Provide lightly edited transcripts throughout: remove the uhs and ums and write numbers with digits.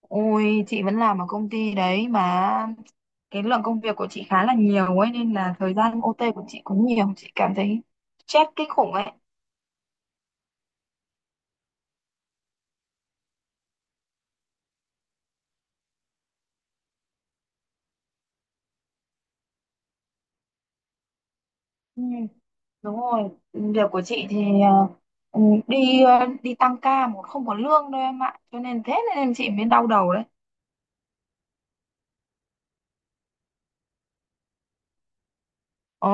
Ôi, chị vẫn làm ở công ty đấy mà cái lượng công việc của chị khá là nhiều ấy nên là thời gian OT của chị cũng nhiều, chị cảm thấy stress kinh khủng ấy. Ừ, đúng rồi, việc của chị thì ừ, đi tăng ca một không có lương đâu em ạ, cho nên thế nên chị mới đau đầu đấy. Ờ,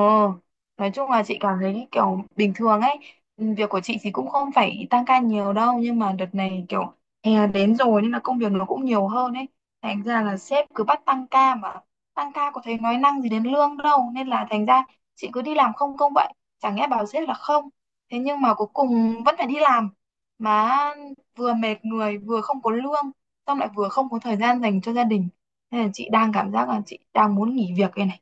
nói chung là chị cảm thấy kiểu bình thường ấy, việc của chị thì cũng không phải tăng ca nhiều đâu, nhưng mà đợt này kiểu hè đến rồi nên là công việc nó cũng nhiều hơn ấy. Thành ra là sếp cứ bắt tăng ca mà tăng ca có thấy nói năng gì đến lương đâu, nên là thành ra chị cứ đi làm không công vậy, chẳng nghe bảo sếp là không. Thế nhưng mà cuối cùng vẫn phải đi làm, mà vừa mệt người, vừa không có lương, xong lại vừa không có thời gian dành cho gia đình. Nên là chị đang cảm giác là chị đang muốn nghỉ việc đây này.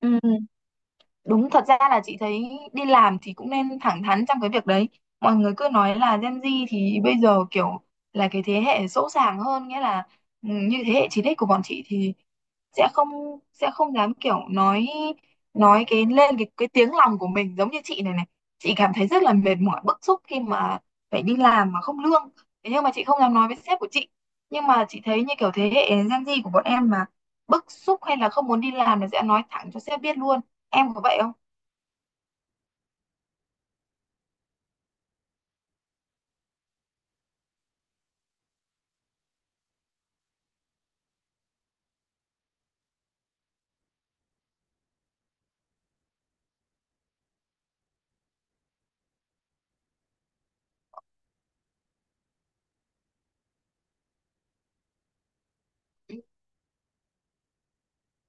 Ừ. Đúng, thật ra là chị thấy đi làm thì cũng nên thẳng thắn trong cái việc đấy. Mọi người cứ nói là Gen Z thì bây giờ kiểu là cái thế hệ sỗ sàng hơn, nghĩa là như thế hệ 9X của bọn chị thì sẽ không sẽ không dám kiểu nói lên cái tiếng lòng của mình giống như chị này này. Chị cảm thấy rất là mệt mỏi, bức xúc khi mà phải đi làm mà không lương. Thế nhưng mà chị không dám nói với sếp của chị. Nhưng mà chị thấy như kiểu thế hệ Gen Z của bọn em mà bức xúc hay là không muốn đi làm là sẽ nói thẳng cho sếp biết luôn, em có vậy không?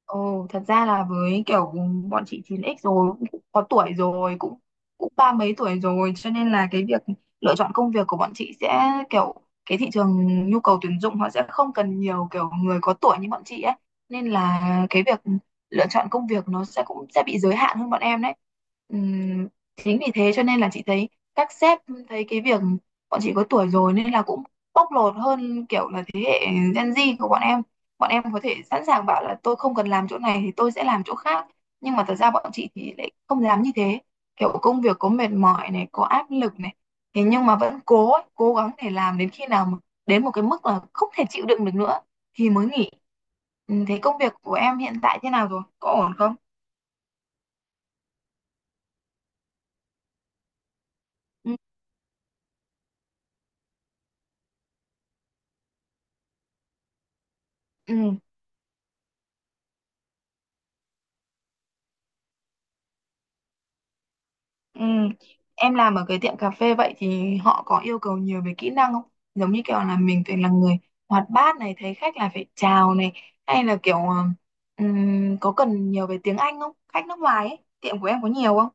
Ồ, thật ra là với kiểu bọn chị chín x rồi cũng có tuổi rồi cũng cũng ba mấy tuổi rồi cho nên là cái việc lựa chọn công việc của bọn chị sẽ kiểu cái thị trường nhu cầu tuyển dụng họ sẽ không cần nhiều kiểu người có tuổi như bọn chị ấy, nên là cái việc lựa chọn công việc nó cũng sẽ bị giới hạn hơn bọn em đấy. Ừm, Chính vì thế cho nên là chị thấy các sếp thấy cái việc bọn chị có tuổi rồi nên là cũng bóc lột hơn kiểu là thế hệ Gen Z của bọn em, bọn em có thể sẵn sàng bảo là tôi không cần làm chỗ này thì tôi sẽ làm chỗ khác, nhưng mà thật ra bọn chị thì lại không dám như thế, kiểu công việc có mệt mỏi này có áp lực này, thế nhưng mà vẫn cố ấy, cố gắng để làm đến khi nào mà đến một cái mức là không thể chịu đựng được nữa thì mới nghỉ. Thế công việc của em hiện tại thế nào rồi, có ổn không? Ừ. Ừ. Ừ. Em làm ở cái tiệm cà phê vậy thì họ có yêu cầu nhiều về kỹ năng không? Giống như kiểu là mình phải là người hoạt bát này, thấy khách là phải chào này, hay là kiểu có cần nhiều về tiếng Anh không? Khách nước ngoài ấy, tiệm của em có nhiều không?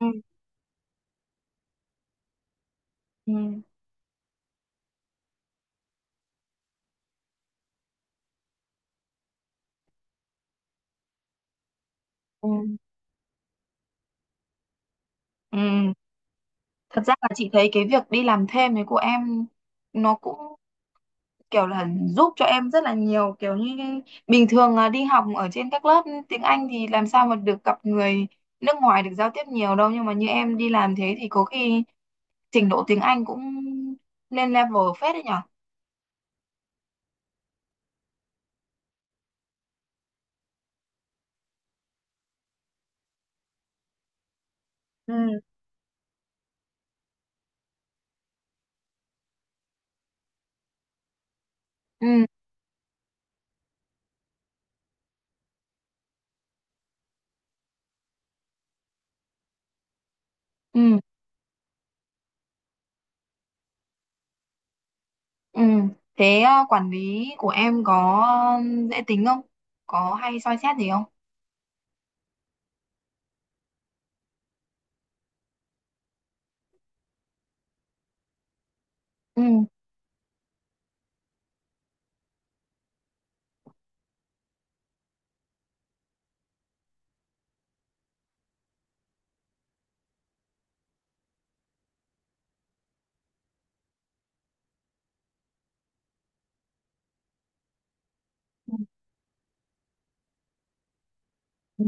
Ừ. Ừ. Ừ. Ừ. Thật ra là chị thấy cái việc đi làm thêm ấy của em nó cũng kiểu là giúp cho em rất là nhiều, kiểu như bình thường à, đi học ở trên các lớp tiếng Anh thì làm sao mà được gặp người nước ngoài, được giao tiếp nhiều đâu, nhưng mà như em đi làm thế thì có khi trình độ tiếng Anh cũng lên level phết đấy nhở. Ừ. Ừ. Ừ. Ừ. Thế à, quản lý của em có dễ tính không, có hay soi xét gì không? Ừ. Ừ.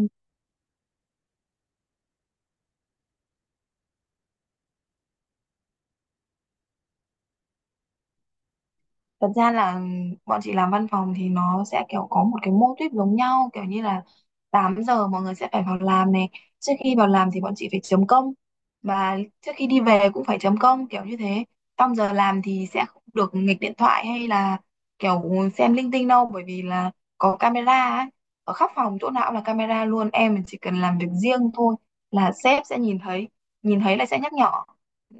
Thật ra là bọn chị làm văn phòng thì nó sẽ kiểu có một cái mô típ giống nhau, kiểu như là 8 giờ mọi người sẽ phải vào làm này, trước khi vào làm thì bọn chị phải chấm công, và trước khi đi về cũng phải chấm công kiểu như thế. Trong giờ làm thì sẽ không được nghịch điện thoại hay là kiểu xem linh tinh đâu, bởi vì là có camera ấy, ở khắp phòng chỗ nào cũng là camera luôn. Em chỉ cần làm việc riêng thôi là sếp sẽ nhìn thấy, nhìn thấy là sẽ nhắc nhở.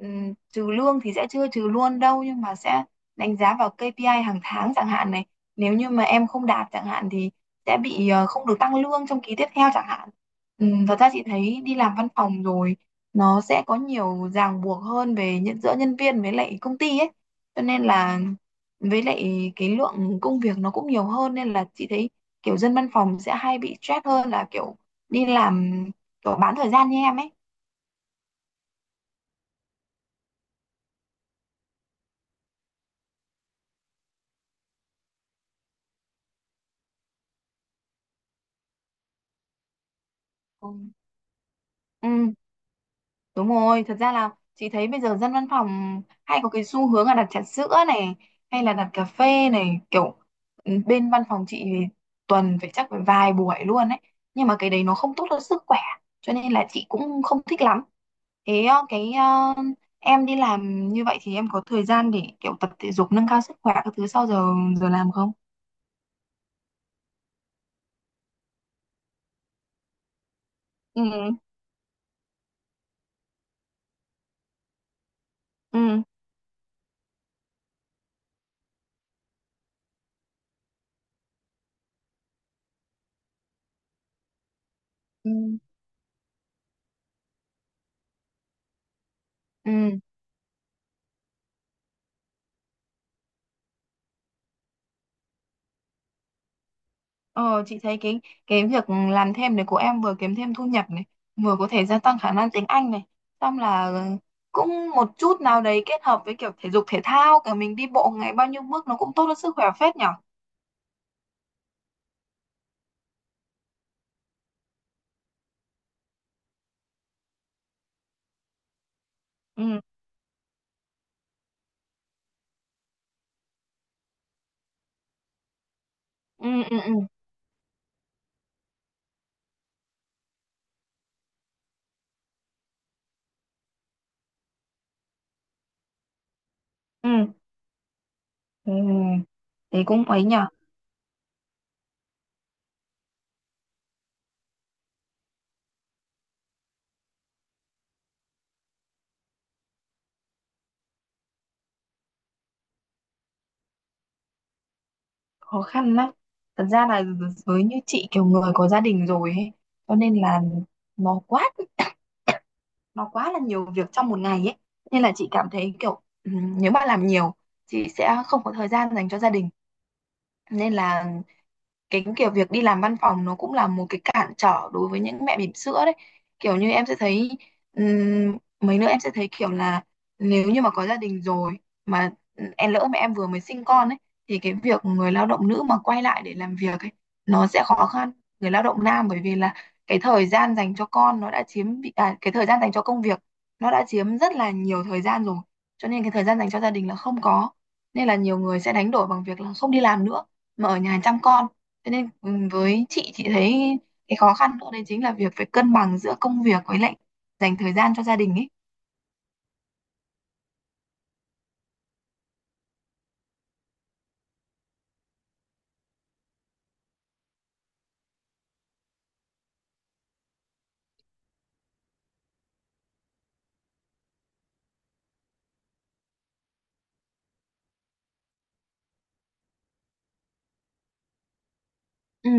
Trừ lương thì sẽ chưa trừ luôn đâu nhưng mà sẽ đánh giá vào KPI hàng tháng chẳng hạn này, nếu như mà em không đạt chẳng hạn thì sẽ bị không được tăng lương trong kỳ tiếp theo chẳng hạn. Thật ra chị thấy đi làm văn phòng rồi nó sẽ có nhiều ràng buộc hơn về nhận giữa nhân viên với lại công ty ấy, cho nên là với lại cái lượng công việc nó cũng nhiều hơn, nên là chị thấy kiểu dân văn phòng sẽ hay bị stress hơn là kiểu đi làm kiểu bán thời gian như em ấy. Ừ. Ừ, đúng rồi, thật ra là chị thấy bây giờ dân văn phòng hay có cái xu hướng là đặt trà sữa này hay là đặt cà phê này, kiểu bên văn phòng chị thì tuần phải chắc phải vài buổi luôn ấy, nhưng mà cái đấy nó không tốt cho sức khỏe cho nên là chị cũng không thích lắm. Thế em đi làm như vậy thì em có thời gian để kiểu tập thể dục nâng cao sức khỏe các thứ sau giờ giờ làm không? Ừ. Ừ. Ừ. Ừ. Ờ, chị thấy cái việc làm thêm này của em vừa kiếm thêm thu nhập này, vừa có thể gia tăng khả năng tiếng Anh này, xong là cũng một chút nào đấy kết hợp với kiểu thể dục thể thao, cả mình đi bộ ngày bao nhiêu bước nó cũng tốt cho sức khỏe phết nhở. Ừ. Ừ. Ừ. Ừ. Ừ. Ừ. Thế cũng ấy nhở, khó khăn lắm. Thật ra là với như chị kiểu người có gia đình rồi ấy, cho nên là nó quá nó quá là nhiều việc trong một ngày ấy, nên là chị cảm thấy kiểu nếu mà làm nhiều chị sẽ không có thời gian dành cho gia đình, nên là cái kiểu việc đi làm văn phòng nó cũng là một cái cản trở đối với những mẹ bỉm sữa đấy. Kiểu như em sẽ thấy mấy nữa em sẽ thấy kiểu là nếu như mà có gia đình rồi mà em lỡ mẹ em vừa mới sinh con ấy, thì cái việc người lao động nữ mà quay lại để làm việc ấy nó sẽ khó khăn người lao động nam, bởi vì là cái thời gian dành cho con nó đã chiếm bị- à, cái thời gian dành cho công việc nó đã chiếm rất là nhiều thời gian rồi, cho nên cái thời gian dành cho gia đình là không có, nên là nhiều người sẽ đánh đổi bằng việc là không đi làm nữa mà ở nhà chăm con. Thế nên với chị thấy cái khó khăn nữa đấy chính là việc phải cân bằng giữa công việc với lại dành thời gian cho gia đình ấy. Ừ.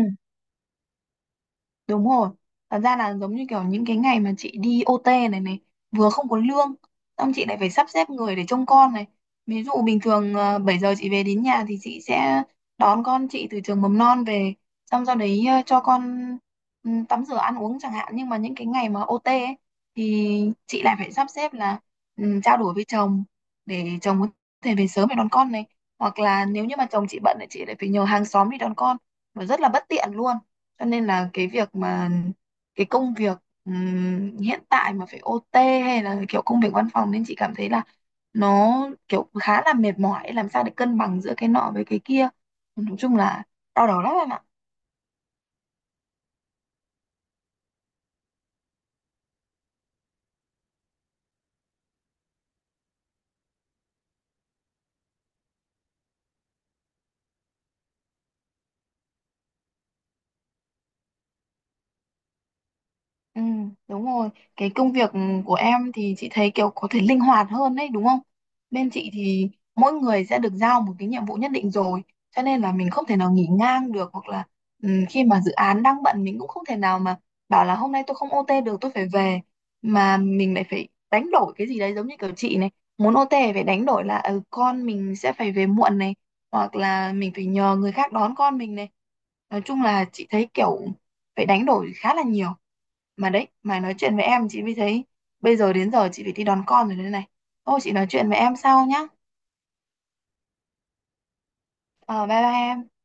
Đúng rồi. Thật ra là giống như kiểu những cái ngày mà chị đi OT này này, vừa không có lương, xong chị lại phải sắp xếp người để trông con này. Ví dụ bình thường 7 giờ chị về đến nhà thì chị sẽ đón con chị từ trường mầm non về, xong sau đấy cho con tắm rửa ăn uống chẳng hạn. Nhưng mà những cái ngày mà OT ấy, thì chị lại phải sắp xếp là trao đổi với chồng để chồng có thể về sớm để đón con này. Hoặc là nếu như mà chồng chị bận thì chị lại phải nhờ hàng xóm đi đón con, và rất là bất tiện luôn, cho nên là cái việc mà cái công việc hiện tại mà phải OT hay là kiểu công việc văn phòng nên chị cảm thấy là nó kiểu khá là mệt mỏi, làm sao để cân bằng giữa cái nọ với cái kia, nói chung là đau đầu lắm em ạ. Ừ, đúng rồi. Cái công việc của em thì chị thấy kiểu có thể linh hoạt hơn đấy, đúng không? Bên chị thì mỗi người sẽ được giao một cái nhiệm vụ nhất định rồi, cho nên là mình không thể nào nghỉ ngang được, hoặc là khi mà dự án đang bận mình cũng không thể nào mà bảo là hôm nay tôi không OT được, tôi phải về, mà mình lại phải đánh đổi cái gì đấy, giống như kiểu chị này, muốn OT phải đánh đổi là con mình sẽ phải về muộn này, hoặc là mình phải nhờ người khác đón con mình này. Nói chung là chị thấy kiểu phải đánh đổi khá là nhiều, mà đấy mà nói chuyện với em chị mới thấy bây giờ đến giờ chị phải đi đón con rồi đây này, thôi chị nói chuyện với em sau nhá. Ờ, bye bye em.